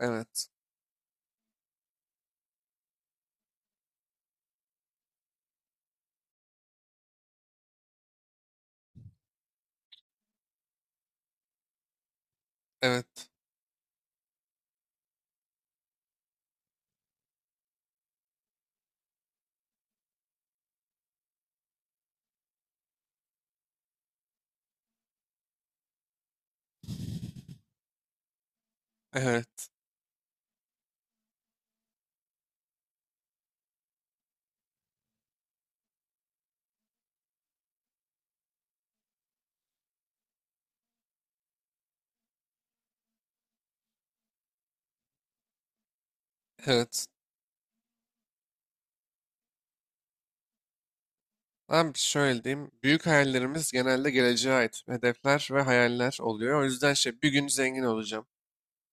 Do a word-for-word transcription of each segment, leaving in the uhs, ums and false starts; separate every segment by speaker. Speaker 1: Evet, evet, evet, evet. Abi şöyle diyeyim. Büyük hayallerimiz genelde geleceğe ait hedefler ve hayaller oluyor. O yüzden şey bir gün zengin olacağım.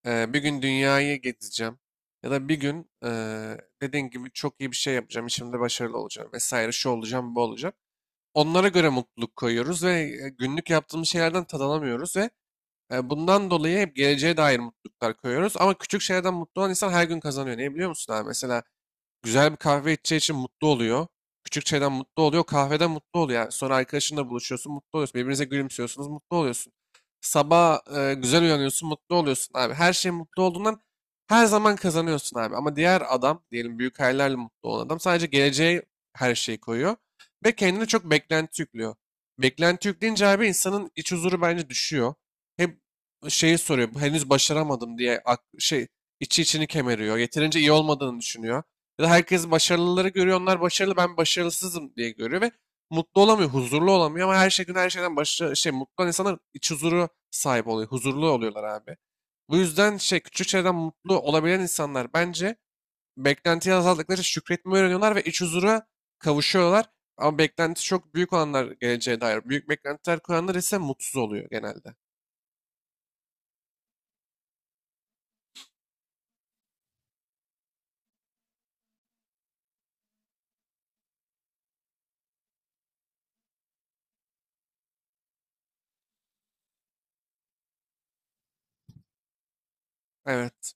Speaker 1: eee, Bir gün dünyayı gezeceğim. Ya da bir gün eee dediğin gibi çok iyi bir şey yapacağım. İşimde başarılı olacağım vesaire. Şu olacağım, bu olacağım. Onlara göre mutluluk koyuyoruz ve e, günlük yaptığımız şeylerden tad alamıyoruz ve e, bundan dolayı hep geleceğe dair mutluluklar koyuyoruz. Ama küçük şeylerden mutlu olan insan her gün kazanıyor. Niye biliyor musun abi? Mesela güzel bir kahve içeceği için mutlu oluyor. Küçük şeyden mutlu oluyor. Kahveden mutlu oluyor. Yani sonra arkadaşınla buluşuyorsun, mutlu oluyorsun. Birbirinize gülümsüyorsunuz, mutlu oluyorsun. Sabah e, güzel uyanıyorsun, mutlu oluyorsun abi. Her şey mutlu olduğundan her zaman kazanıyorsun abi. Ama diğer adam, diyelim büyük hayallerle mutlu olan adam, sadece geleceğe her şeyi koyuyor. Ve kendine çok beklenti yüklüyor. Beklenti yükleyince abi insanın iç huzuru bence düşüyor. Hep şeyi soruyor, henüz başaramadım diye, ak- şey, içi içini kemeriyor. Yeterince iyi olmadığını düşünüyor. Ya da herkes başarılıları görüyor, onlar başarılı, ben başarısızım diye görüyor ve mutlu olamıyor, huzurlu olamıyor. Ama her şey gün her şeyden başarı, şey, mutlu olan insanlar iç huzuru sahip oluyor, huzurlu oluyorlar abi. Bu yüzden şey küçük şeylerden mutlu olabilen insanlar, bence beklentiyi azalttıkları için şükretmeyi öğreniyorlar ve iç huzura kavuşuyorlar. Ama beklenti çok büyük olanlar, geleceğe dair büyük beklentiler kuranlar ise mutsuz oluyor genelde. Evet.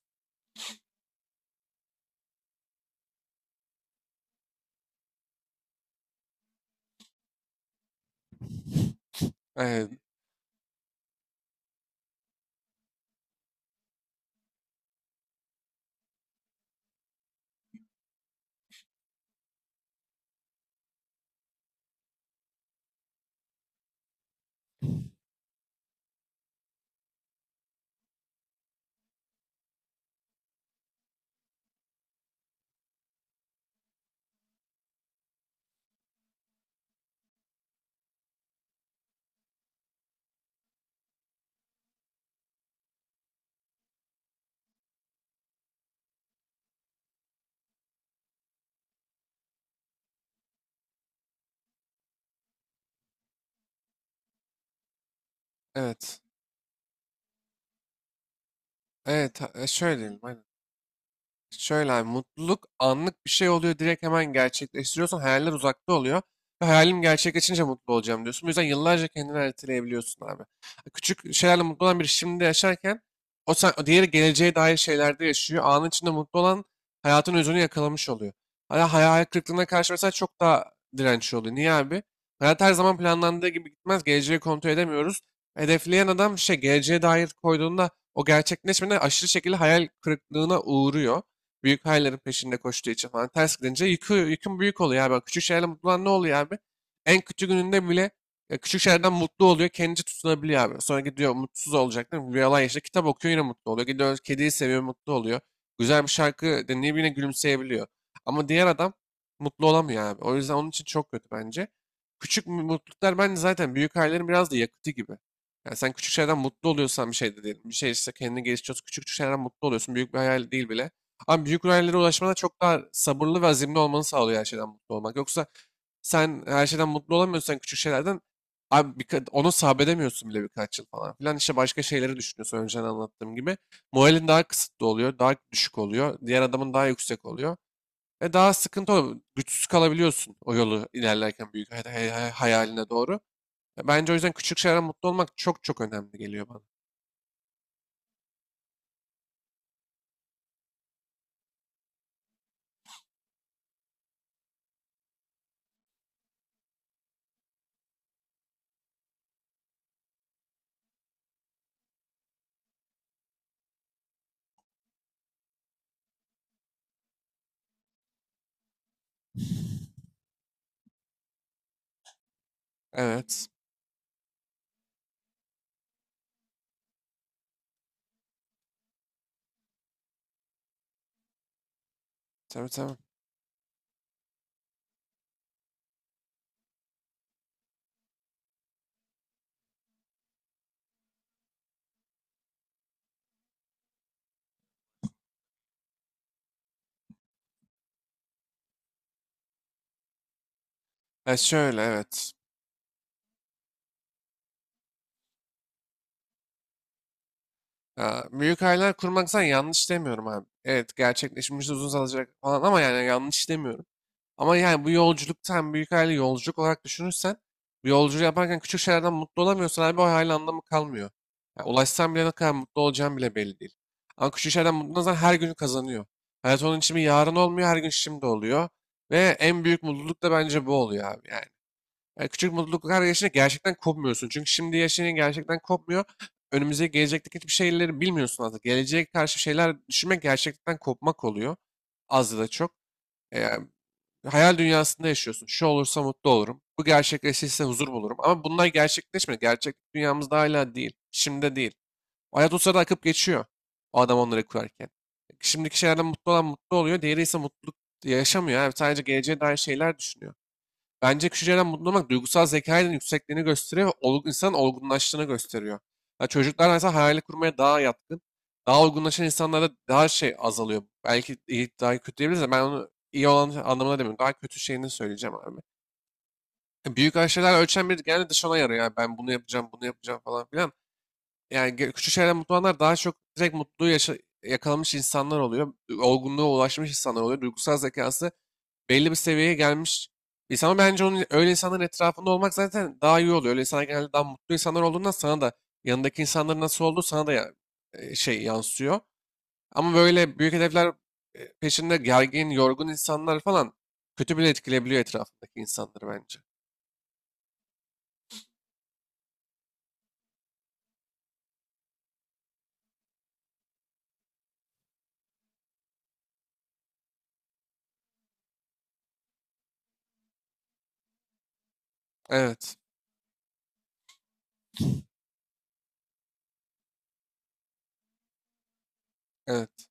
Speaker 1: Evet. Evet. Evet. ha- e, Şöyle diyelim. Aynen. Şöyle abi, mutluluk anlık bir şey oluyor. Direkt hemen gerçekleştiriyorsun. Hayaller uzakta oluyor. Ve hayalim gerçekleşince mutlu olacağım diyorsun. Bu yüzden yıllarca kendini erteleyebiliyorsun abi. E, Küçük şeylerle mutlu olan biri şimdi yaşarken, o, sen, o diğeri geleceğe dair şeylerde yaşıyor. Anın içinde mutlu olan hayatın özünü yakalamış oluyor. Hala hayal kırıklığına karşı mesela çok daha dirençli oluyor. Niye abi? Hayat her zaman planlandığı gibi gitmez. Geleceği kontrol edemiyoruz. Hedefleyen adam şey geleceğe dair koyduğunda, o gerçekleşmeden aşırı şekilde hayal kırıklığına uğruyor. Büyük hayallerin peşinde koştuğu için, falan ters gidince yükü, yükün büyük oluyor abi. Küçük şeylerle mutlu olan ne oluyor abi? En kötü gününde bile e, küçük şeylerden mutlu oluyor. Kendince tutunabiliyor abi. Sonra gidiyor mutsuz olacak değil mi? Bir yalan yaşında kitap okuyor, yine mutlu oluyor. Gidiyor kediyi seviyor, mutlu oluyor. Güzel bir şarkı dinleyip yine gülümseyebiliyor. Ama diğer adam mutlu olamıyor abi. O yüzden onun için çok kötü bence. Küçük mutluluklar bence zaten büyük hayallerin biraz da yakıtı gibi. Yani sen küçük şeylerden mutlu oluyorsan bir şey de değil. Bir şey, işte kendini geliştiriyorsun. Küçük küçük şeylerden mutlu oluyorsun. Büyük bir hayal değil bile. Ama büyük hayallere ulaşmada çok daha sabırlı ve azimli olmanı sağlıyor her şeyden mutlu olmak. Yoksa sen her şeyden mutlu olamıyorsan, küçük şeylerden abi, birka- onu sabredemiyorsun bile birkaç yıl falan filan. İşte başka şeyleri düşünüyorsun, önceden anlattığım gibi. Moralin daha kısıtlı oluyor, daha düşük oluyor. Diğer adamın daha yüksek oluyor. Ve daha sıkıntı oluyor. Güçsüz kalabiliyorsun o yolu ilerlerken, büyük hay- hay- hay- hayaline doğru. Ya bence o yüzden küçük şeylerden mutlu olmak çok çok önemli geliyor bana. Evet. Tabii tabii. Ya şöyle evet. Ya, büyük hayaller kurmaksan yanlış demiyorum abi. Evet, gerçekleşmesi uzun alacak falan, ama yani yanlış demiyorum. Ama yani bu yolculukta, hem büyük hayali yolculuk olarak düşünürsen, bu yolculuğu yaparken küçük şeylerden mutlu olamıyorsan abi o hayal anlamı kalmıyor. Ya, ulaşsan bile ne kadar mutlu olacağın bile belli değil. Ama küçük şeylerden mutlu olan her gün kazanıyor. Hayat onun için bir yarın olmuyor, her gün şimdi oluyor. Ve en büyük mutluluk da bence bu oluyor abi yani. E, küçük mutluluklar yaşını gerçekten kopmuyorsun. Çünkü şimdi yaşayınca gerçekten kopmuyor. Önümüzdeki gelecekteki hiçbir şeyleri bilmiyorsun aslında. Geleceğe karşı şeyler düşünmek gerçekten kopmak oluyor. Az ya da çok. E, Hayal dünyasında yaşıyorsun. Şu olursa mutlu olurum. Bu gerçekleşirse huzur bulurum. Ama bunlar gerçekleşmiyor. Gerçek dünyamızda hala değil. Şimdi değil. O hayat o sırada akıp geçiyor. O adam onları kurarken, şimdiki şeylerden mutlu olan mutlu oluyor. Diğeri ise mutluluk yaşamıyor. Yani sadece geleceğe dair şeyler düşünüyor. Bence küçük şeylerden mutlu olmak duygusal zekanın yüksekliğini gösteriyor ve olgun, insanın olgunlaştığını gösteriyor. Ya çocuklar mesela hayali kurmaya daha yatkın. Daha olgunlaşan insanlarda daha şey azalıyor. Belki iyi, daha kötü diyebiliriz de ben onu iyi olan anlamına demiyorum. Daha kötü şeyini söyleyeceğim abi. Ya büyük şeyler ölçen biri genelde dışına yarıyor. Yani ben bunu yapacağım, bunu yapacağım falan filan. Yani ge- küçük şeylerden mutlu olanlar daha çok direkt mutluluğu yaşa- yakalamış insanlar oluyor. Olgunluğa ulaşmış insanlar oluyor. Duygusal zekası belli bir seviyeye gelmiş insan, ama bence onun, öyle insanların etrafında olmak zaten daha iyi oluyor. Öyle insanlar genelde daha mutlu insanlar olduğundan, sana da yanındaki insanların nasıl olduğu sana da ya- e, şey yansıyor. Ama böyle büyük hedefler e, peşinde gergin, yorgun insanlar falan, kötü bile etkileyebiliyor etrafındaki insanları bence. Evet, evet,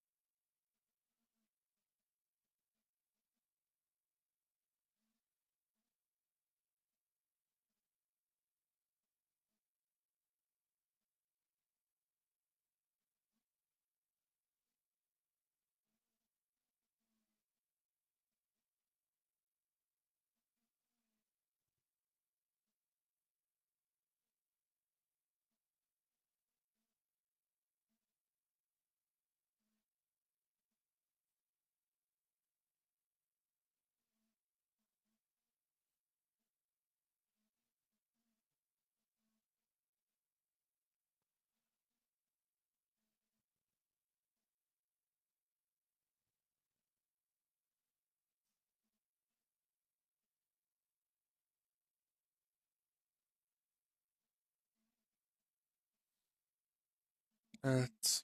Speaker 1: evet.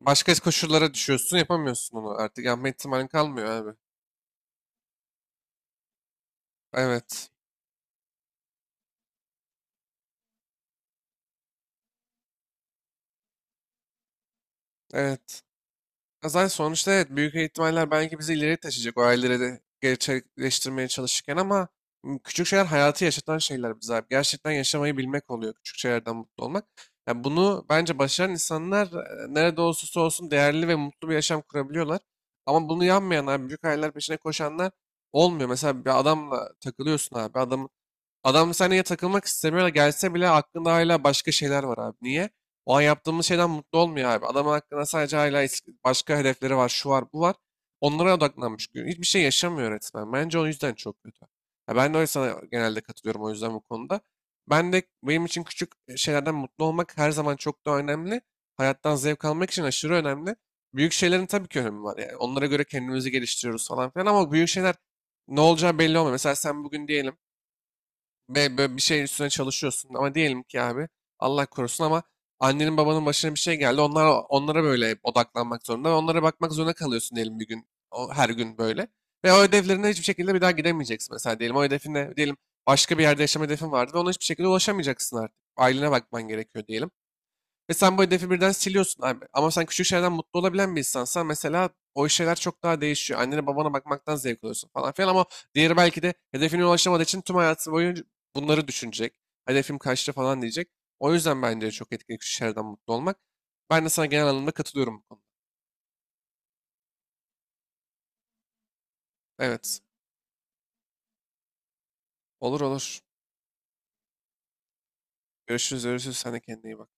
Speaker 1: Başka koşullara düşüyorsun, yapamıyorsun onu artık. Yapma ihtimalin kalmıyor abi. Evet, evet. Zaten sonuçta evet, büyük ihtimaller belki bizi ileriye taşıyacak, o hayalleri de gerçekleştirmeye çalışırken ama m, küçük şeyler hayatı yaşatan şeyler bize abi. Gerçekten yaşamayı bilmek oluyor küçük şeylerden mutlu olmak. Yani bunu bence başaran insanlar e, nerede olursa olsun değerli ve mutlu bir yaşam kurabiliyorlar. Ama bunu yanmayan abi, büyük hayaller peşine koşanlar olmuyor. Mesela bir adamla takılıyorsun abi. Adam Adam seninle takılmak istemiyor, da gelse bile aklında hala başka şeyler var abi. Niye? O an yaptığımız şeyden mutlu olmuyor abi. Adamın aklında sadece hala eski- başka hedefleri var, şu var, bu var. Onlara odaklanmış. Hiçbir şey yaşamıyor resmen. Bence o yüzden çok kötü. Ya ben de öyle, sana genelde katılıyorum o yüzden bu konuda. Ben de, benim için küçük şeylerden mutlu olmak her zaman çok da önemli. Hayattan zevk almak için aşırı önemli. Büyük şeylerin tabii ki önemi var. Yani onlara göre kendimizi geliştiriyoruz falan filan, ama büyük şeyler ne olacağı belli olmuyor. Mesela sen bugün diyelim ve böyle bir şeyin üstüne çalışıyorsun, ama diyelim ki abi, Allah korusun ama annenin babanın başına bir şey geldi. Onlar, onlara böyle odaklanmak zorunda ve onlara bakmak zorunda kalıyorsun diyelim, bir gün o, her gün böyle. Ve o ödevlerine hiçbir şekilde bir daha gidemeyeceksin mesela diyelim. O hedefine diyelim, başka bir yerde yaşama hedefin vardı ve ona hiçbir şekilde ulaşamayacaksın artık. Ailene bakman gerekiyor diyelim. Ve sen bu hedefi birden siliyorsun. Ay- Ama sen küçük şeylerden mutlu olabilen bir insansan mesela, o şeyler çok daha değişiyor. Annene babana bakmaktan zevk alıyorsun falan filan, ama diğeri belki de hedefine ulaşamadığı için tüm hayatı boyunca bunları düşünecek. Hedefim kaçtı falan diyecek. O yüzden bence çok etkili küçük şeylerden mutlu olmak. Ben de sana genel anlamda katılıyorum bu konuda. Evet. Olur olur. Görüşürüz görüşürüz. Sen de kendine iyi bak.